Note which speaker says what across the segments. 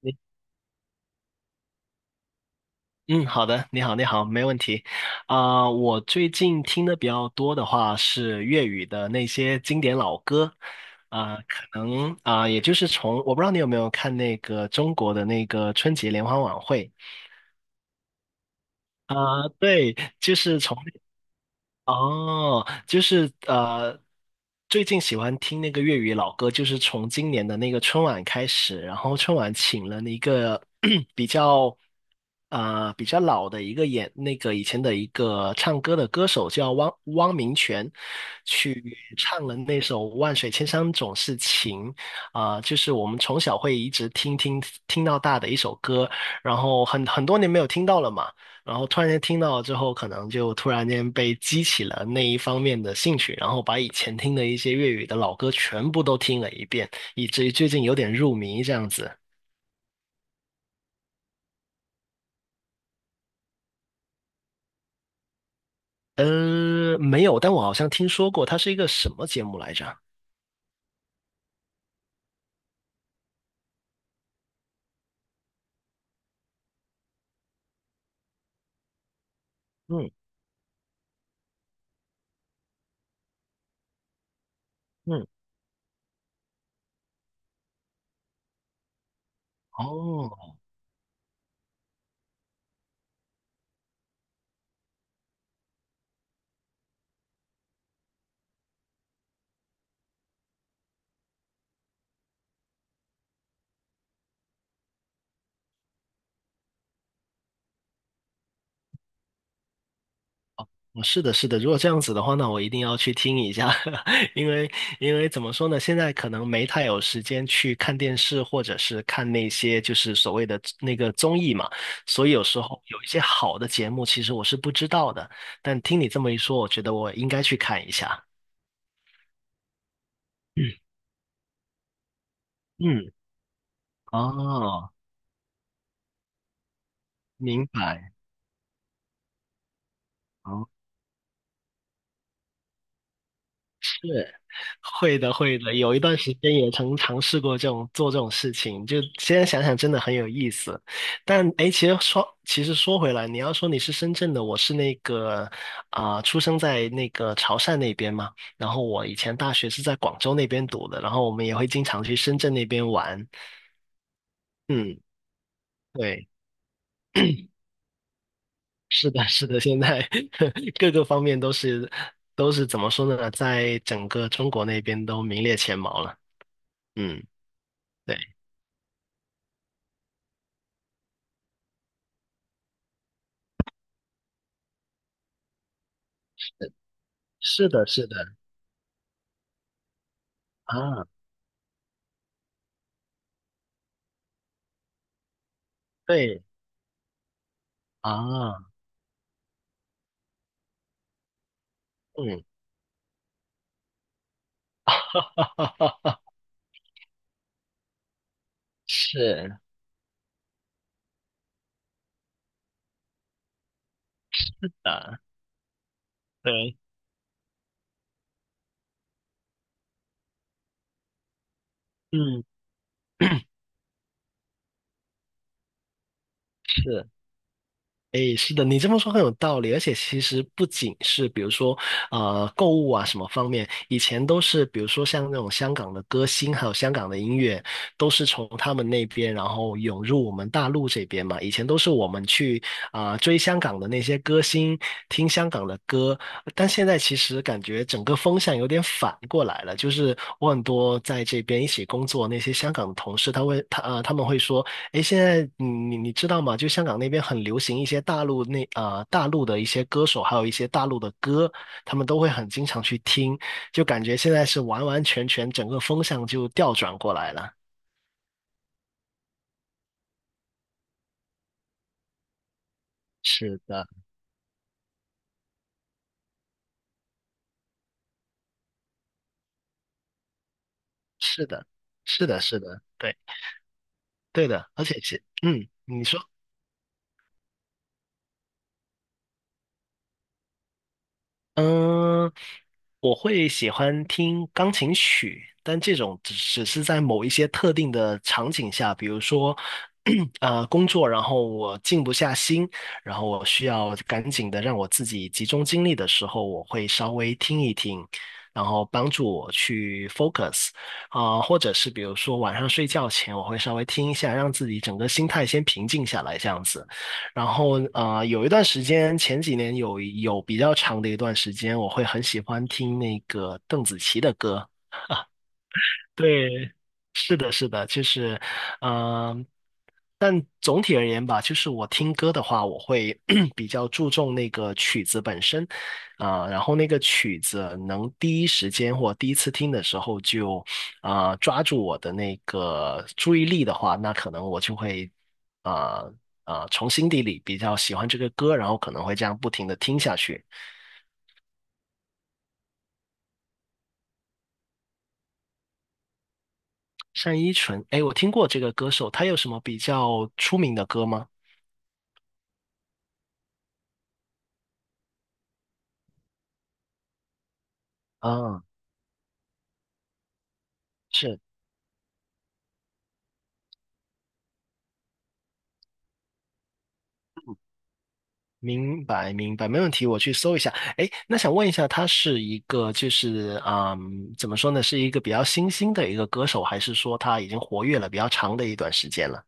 Speaker 1: 你嗯，好的，你好，你好，没问题。我最近听的比较多的话是粤语的那些经典老歌，可能也就是从我不知道你有没有看那个中国的那个春节联欢晚会啊、对，就是从。哦，就是最近喜欢听那个粤语老歌，就是从今年的那个春晚开始，然后春晚请了一个 比较比较老的一个演那个以前的一个唱歌的歌手叫汪明荃，去唱了那首《万水千山总是情》就是我们从小会一直听到大的一首歌，然后很多年没有听到了嘛。然后突然间听到之后，可能就突然间被激起了那一方面的兴趣，然后把以前听的一些粤语的老歌全部都听了一遍，以至于最近有点入迷这样子。没有，但我好像听说过它是一个什么节目来着？嗯嗯，哦，哦，是的，是的。如果这样子的话，那我一定要去听一下，因为因为怎么说呢，现在可能没太有时间去看电视，或者是看那些就是所谓的那个综艺嘛，所以有时候有一些好的节目，其实我是不知道的。但听你这么一说，我觉得我应该去看一下。嗯嗯，哦，明白。哦，是。会的，会的，有一段时间也曾尝试过这种做这种事情，就现在想想真的很有意思。但哎，其实说回来，你要说你是深圳的，我是那个出生在那个潮汕那边嘛，然后我以前大学是在广州那边读的，然后我们也会经常去深圳那边玩。嗯，对，是的，是的，现在 各个方面都是怎么说呢，在整个中国那边都名列前茅了。嗯，对，是的，是的。啊。对啊，嗯，是的，对，嗯，是。诶，是的，你这么说很有道理，而且其实不仅是比如说，购物啊什么方面，以前都是比如说像那种香港的歌星，还有香港的音乐，都是从他们那边然后涌入我们大陆这边嘛。以前都是我们去追香港的那些歌星，听香港的歌，但现在其实感觉整个风向有点反过来了，就是我很多在这边一起工作那些香港的同事，他们会说。诶，现在你知道吗？就香港那边很流行一些大陆的一些歌手，还有一些大陆的歌，他们都会很经常去听，就感觉现在是完完全全整个风向就调转过来了。是的，是的，是的，是的，对，对的，而且是你说。嗯，我会喜欢听钢琴曲，但这种只是在某一些特定的场景下，比如说，工作，然后我静不下心，然后我需要赶紧的让我自己集中精力的时候，我会稍微听一听，然后帮助我去 focus，或者是比如说晚上睡觉前，我会稍微听一下，让自己整个心态先平静下来，这样子。然后有一段时间，前几年有比较长的一段时间，我会很喜欢听那个邓紫棋的歌。对，是的，是的，就是，嗯、但总体而言吧，就是我听歌的话，我会 比较注重那个曲子本身，然后那个曲子能第一时间或第一次听的时候就，抓住我的那个注意力的话，那可能我就会，啊、从心底里比较喜欢这个歌，然后可能会这样不停的听下去。单依纯，哎，我听过这个歌手，他有什么比较出名的歌吗？啊，是。明白，明白，没问题，我去搜一下。哎，那想问一下，他是一个就是怎么说呢，是一个比较新兴的一个歌手，还是说他已经活跃了比较长的一段时间了？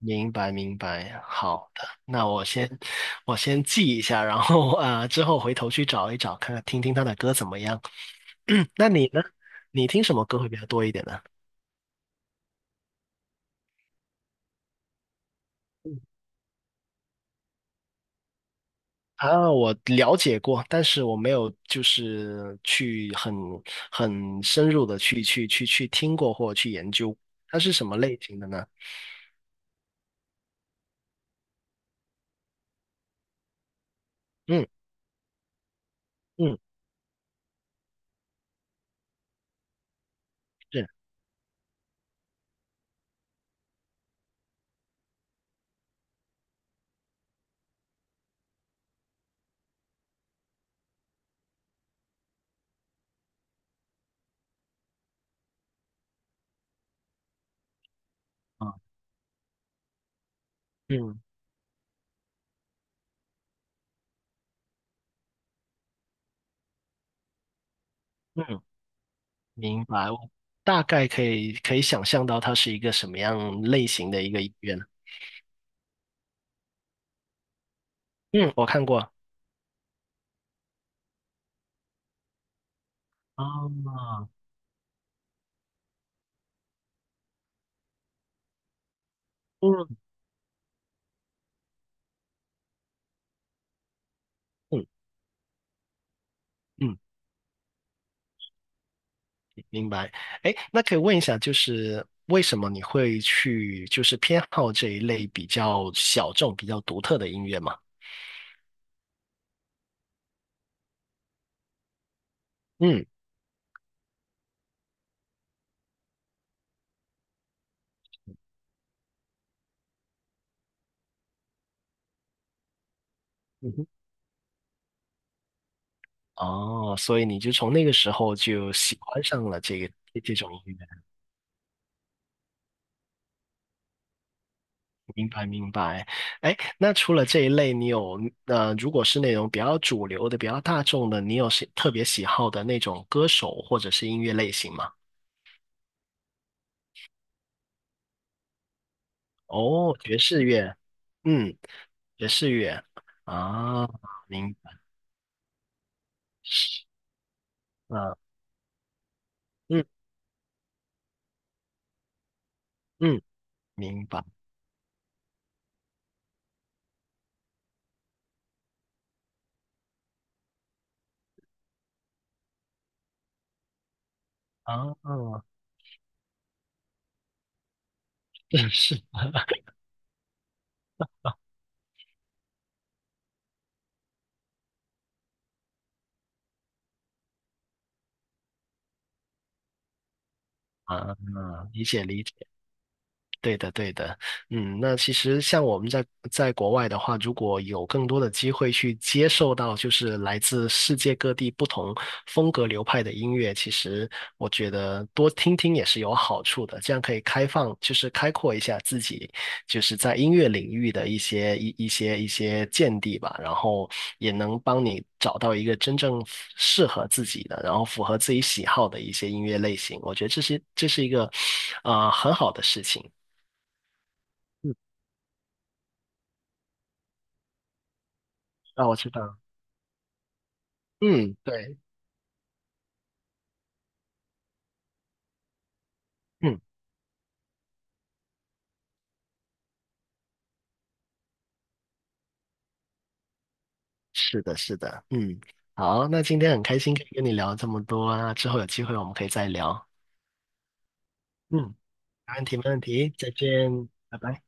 Speaker 1: 明白，明白，好的，那我先记一下，然后之后回头去找一找，看看听听他的歌怎么样。那你呢？你听什么歌会比较多一点呢？啊，我了解过，但是我没有就是去很深入的去听过或去研究，它是什么类型的呢？嗯嗯，是啊，嗯嗯，明白，我大概可以想象到它是一个什么样类型的一个医院。嗯，我看过。啊，嗯嗯嗯，明白。哎，那可以问一下，就是为什么你会去就是偏好这一类比较小众、比较独特的音乐吗？嗯，嗯哼，哦，所以你就从那个时候就喜欢上了这种音乐，明白明白。哎，那除了这一类，如果是那种比较主流的、比较大众的，你有特别喜好的那种歌手或者是音乐类型吗？哦，爵士乐，嗯，爵士乐，啊，明白，嗯嗯，明白，啊，是啊，理解理解。对的，对的，嗯，那其实像我们在国外的话，如果有更多的机会去接受到就是来自世界各地不同风格流派的音乐，其实我觉得多听听也是有好处的，这样可以开放，就是开阔一下自己，就是在音乐领域的一些见地吧，然后也能帮你找到一个真正适合自己的，然后符合自己喜好的一些音乐类型，我觉得这是一个很好的事情。嗯，那我知道。嗯，对，嗯，是的，是的，嗯，好，那今天很开心可以跟你聊这么多啊，之后有机会我们可以再聊。嗯，没问题，没问题，再见，拜拜。